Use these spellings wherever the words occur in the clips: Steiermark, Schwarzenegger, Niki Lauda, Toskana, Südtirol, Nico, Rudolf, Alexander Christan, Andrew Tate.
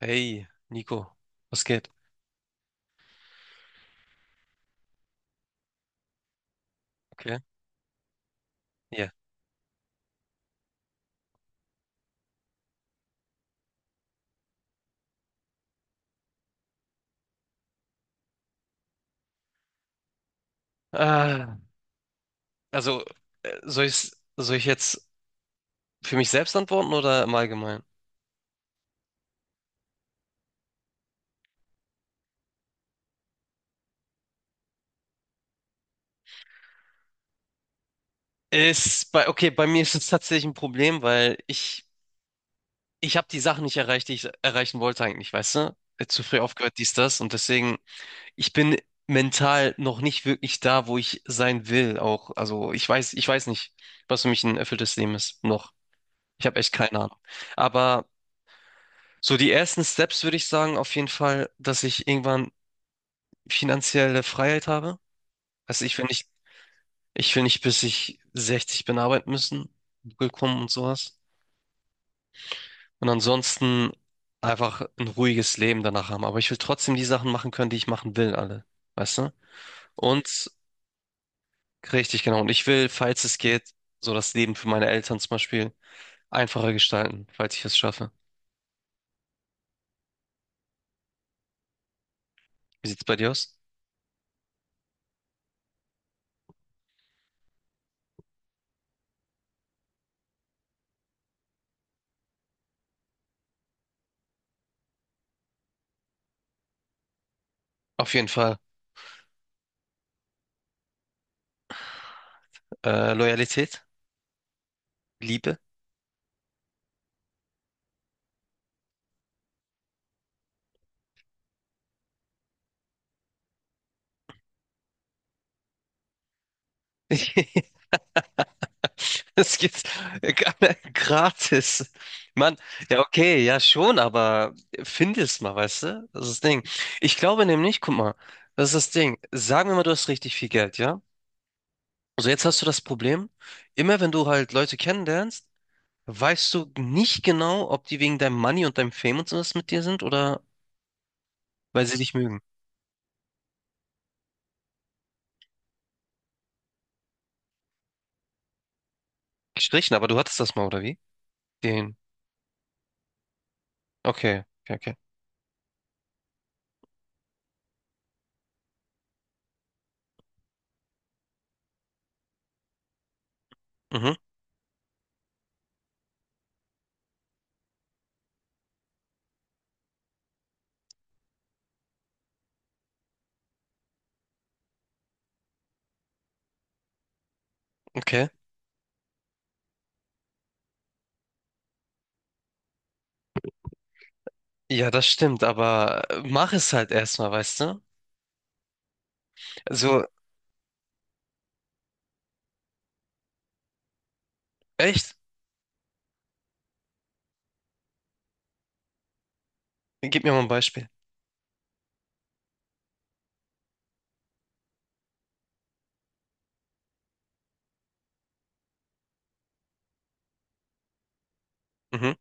Hey, Nico, was geht? Okay, ja. Ah, also, äh, soll ich, soll ich jetzt für mich selbst antworten oder im Allgemeinen? Ist bei, okay, bei mir ist es tatsächlich ein Problem, weil ich habe die Sachen nicht erreicht, die ich erreichen wollte eigentlich, weißt du? Zu früh aufgehört, dies, das. Und deswegen, ich bin mental noch nicht wirklich da, wo ich sein will auch. Also, ich weiß nicht, was für mich ein erfülltes Leben ist. Noch. Ich habe echt keine Ahnung. Aber so, die ersten Steps würde ich sagen, auf jeden Fall, dass ich irgendwann finanzielle Freiheit habe. Also ich will nicht, bis ich 60 bin arbeiten müssen, gekommen und sowas. Und ansonsten einfach ein ruhiges Leben danach haben. Aber ich will trotzdem die Sachen machen können, die ich machen will, alle. Weißt du? Und richtig, genau. Und ich will, falls es geht, so das Leben für meine Eltern zum Beispiel einfacher gestalten, falls ich es schaffe. Wie sieht's bei dir aus? Auf jeden Fall, Loyalität, Liebe. Das gibt's gratis. Mann, ja, okay, ja schon, aber finde es mal, weißt du? Das ist das Ding. Ich glaube nämlich, guck mal, das ist das Ding. Sagen wir mal, du hast richtig viel Geld, ja? Also jetzt hast du das Problem, immer wenn du halt Leute kennenlernst, weißt du nicht genau, ob die wegen deinem Money und deinem Fame und sowas mit dir sind oder weil sie dich mögen. Gestrichen, aber du hattest das mal, oder wie? Den. Okay, okay, okay. Mhm, okay. Ja, das stimmt, aber mach es halt erstmal, weißt du? Also echt? Gib mir mal ein Beispiel. Mhm.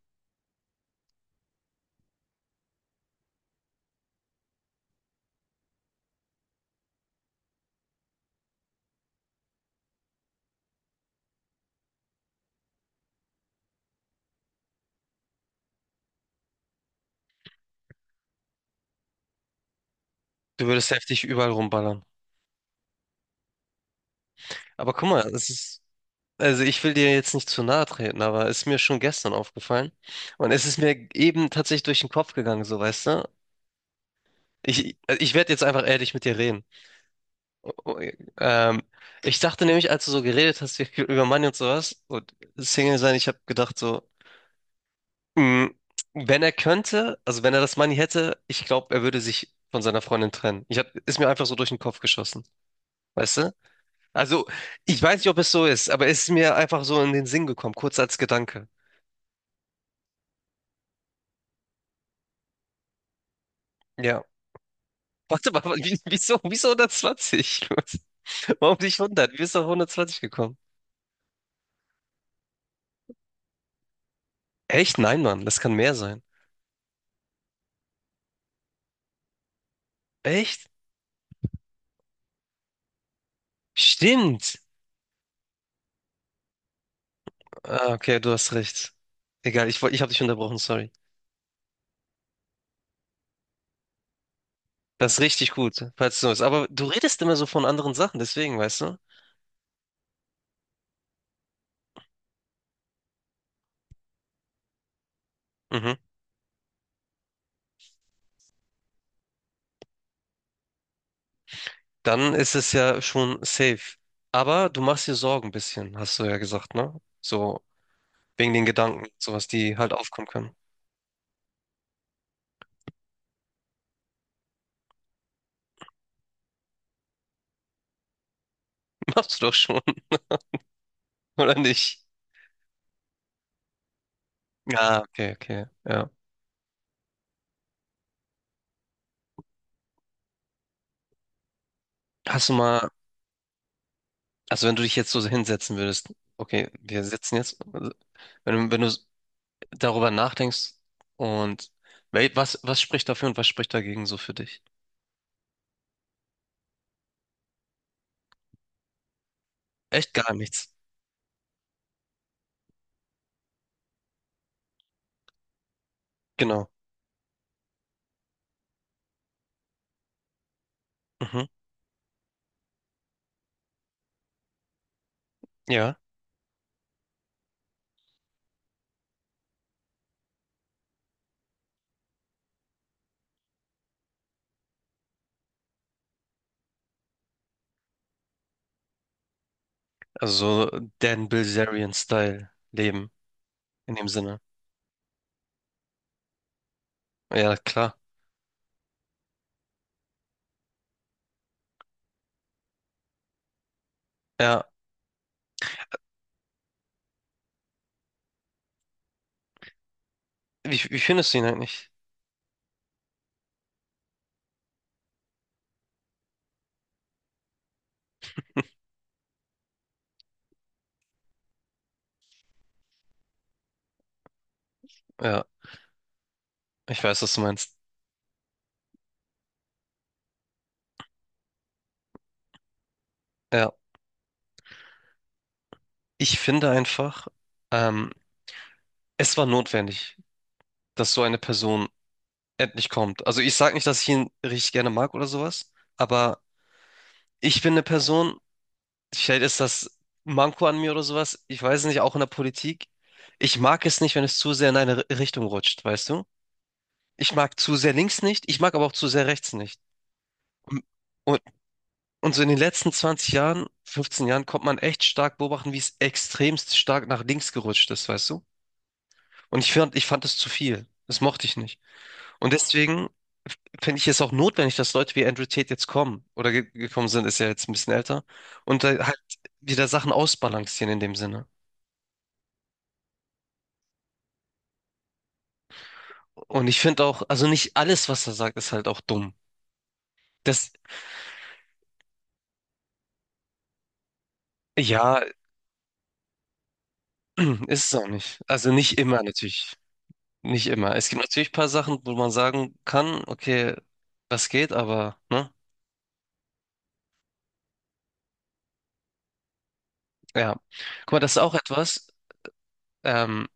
Du würdest heftig überall rumballern. Aber guck mal, es ist, also ich will dir jetzt nicht zu nahe treten, aber es ist mir schon gestern aufgefallen. Und es ist mir eben tatsächlich durch den Kopf gegangen, so weißt du? Ich werde jetzt einfach ehrlich mit dir reden. Oh, ähm, ich dachte nämlich, als du so geredet hast wie- über Money und sowas und Single sein, ich habe gedacht so, mh, wenn er könnte, also wenn er das Money hätte, ich glaube, er würde sich von seiner Freundin trennen. Ich hab, ist mir einfach so durch den Kopf geschossen, weißt du? Also, ich weiß nicht, ob es so ist, aber es ist mir einfach so in den Sinn gekommen, kurz als Gedanke. Ja. Warte mal, wie- wieso 120? Warum nicht 100? Wie bist du auf 120 gekommen? Echt? Nein, Mann, das kann mehr sein. Echt? Stimmt. Ah, okay, du hast recht. Egal, ich, woll- ich habe dich unterbrochen, sorry. Das ist richtig gut, falls du es so ist. Aber du redest immer so von anderen Sachen, deswegen, weißt du? Mhm. Dann ist es ja schon safe. Aber du machst dir Sorgen ein bisschen, hast du ja gesagt, ne? So wegen den Gedanken, sowas, die halt aufkommen können. Machst du doch schon, oder nicht? Ah, okay, okay, ja. Hast du mal, also wenn du dich jetzt so hinsetzen würdest, okay, wir sitzen jetzt, also, wenn, du- wenn du darüber nachdenkst und wel- was spricht dafür und was spricht dagegen so für dich? Echt gar nichts. Genau. Mhm. Ja, also so Dan Bilzerian-Style leben, in dem Sinne. Ja, klar. Ja, wie findest du ihn eigentlich? Ja, ich weiß, was du meinst. Ja. Ich finde einfach, ähm, es war notwendig, dass so eine Person endlich kommt. Also ich sage nicht, dass ich ihn richtig gerne mag oder sowas, aber ich bin eine Person, vielleicht ist das Manko an mir oder sowas, ich weiß es nicht, auch in der Politik. Ich mag es nicht, wenn es zu sehr in eine R- Richtung rutscht, weißt du? Ich mag zu sehr links nicht, ich mag aber auch zu sehr rechts nicht. Und, und und so in den letzten 20 Jahren, 15 Jahren, konnte man echt stark beobachten, wie es extremst stark nach links gerutscht ist, weißt du? Und ich fand es zu viel. Das mochte ich nicht. Und deswegen f- finde ich es auch notwendig, dass Leute wie Andrew Tate jetzt kommen oder ge gekommen sind, ist ja jetzt ein bisschen älter, und da halt wieder Sachen ausbalancieren in dem Sinne. Und ich finde auch, also nicht alles, was er sagt, ist halt auch dumm. Das, ja, ist es auch nicht. Also nicht immer natürlich. Nicht immer. Es gibt natürlich ein paar Sachen, wo man sagen kann, okay, das geht, aber, ne? Ja. Guck mal, das ist auch etwas. Ähm,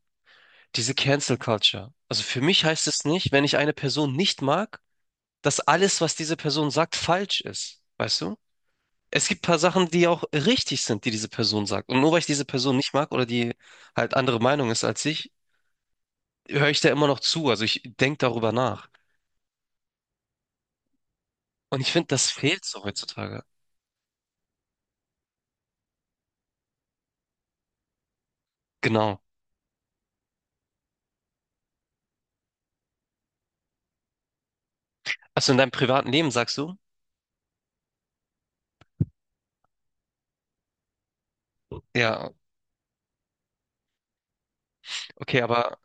diese Cancel Culture. Also für mich heißt es nicht, wenn ich eine Person nicht mag, dass alles, was diese Person sagt, falsch ist. Weißt du? Es gibt ein paar Sachen, die auch richtig sind, die diese Person sagt. Und nur weil ich diese Person nicht mag oder die halt andere Meinung ist als ich, höre ich da immer noch zu. Also ich denke darüber nach. Und ich finde, das fehlt so heutzutage. Genau. Also in deinem privaten Leben sagst du? Ja, okay, aber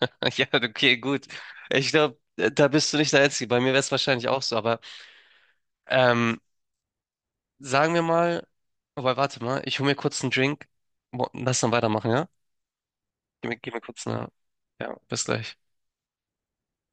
ja, okay, gut. Ich glaube, da bist du nicht der Einzige. Bei mir wäre es wahrscheinlich auch so, aber ähm, sagen wir mal, wobei, warte mal, ich hol mir kurz einen Drink. Wo- Lass dann weitermachen, ja? Gib mir kurz eine. Ja, bis gleich.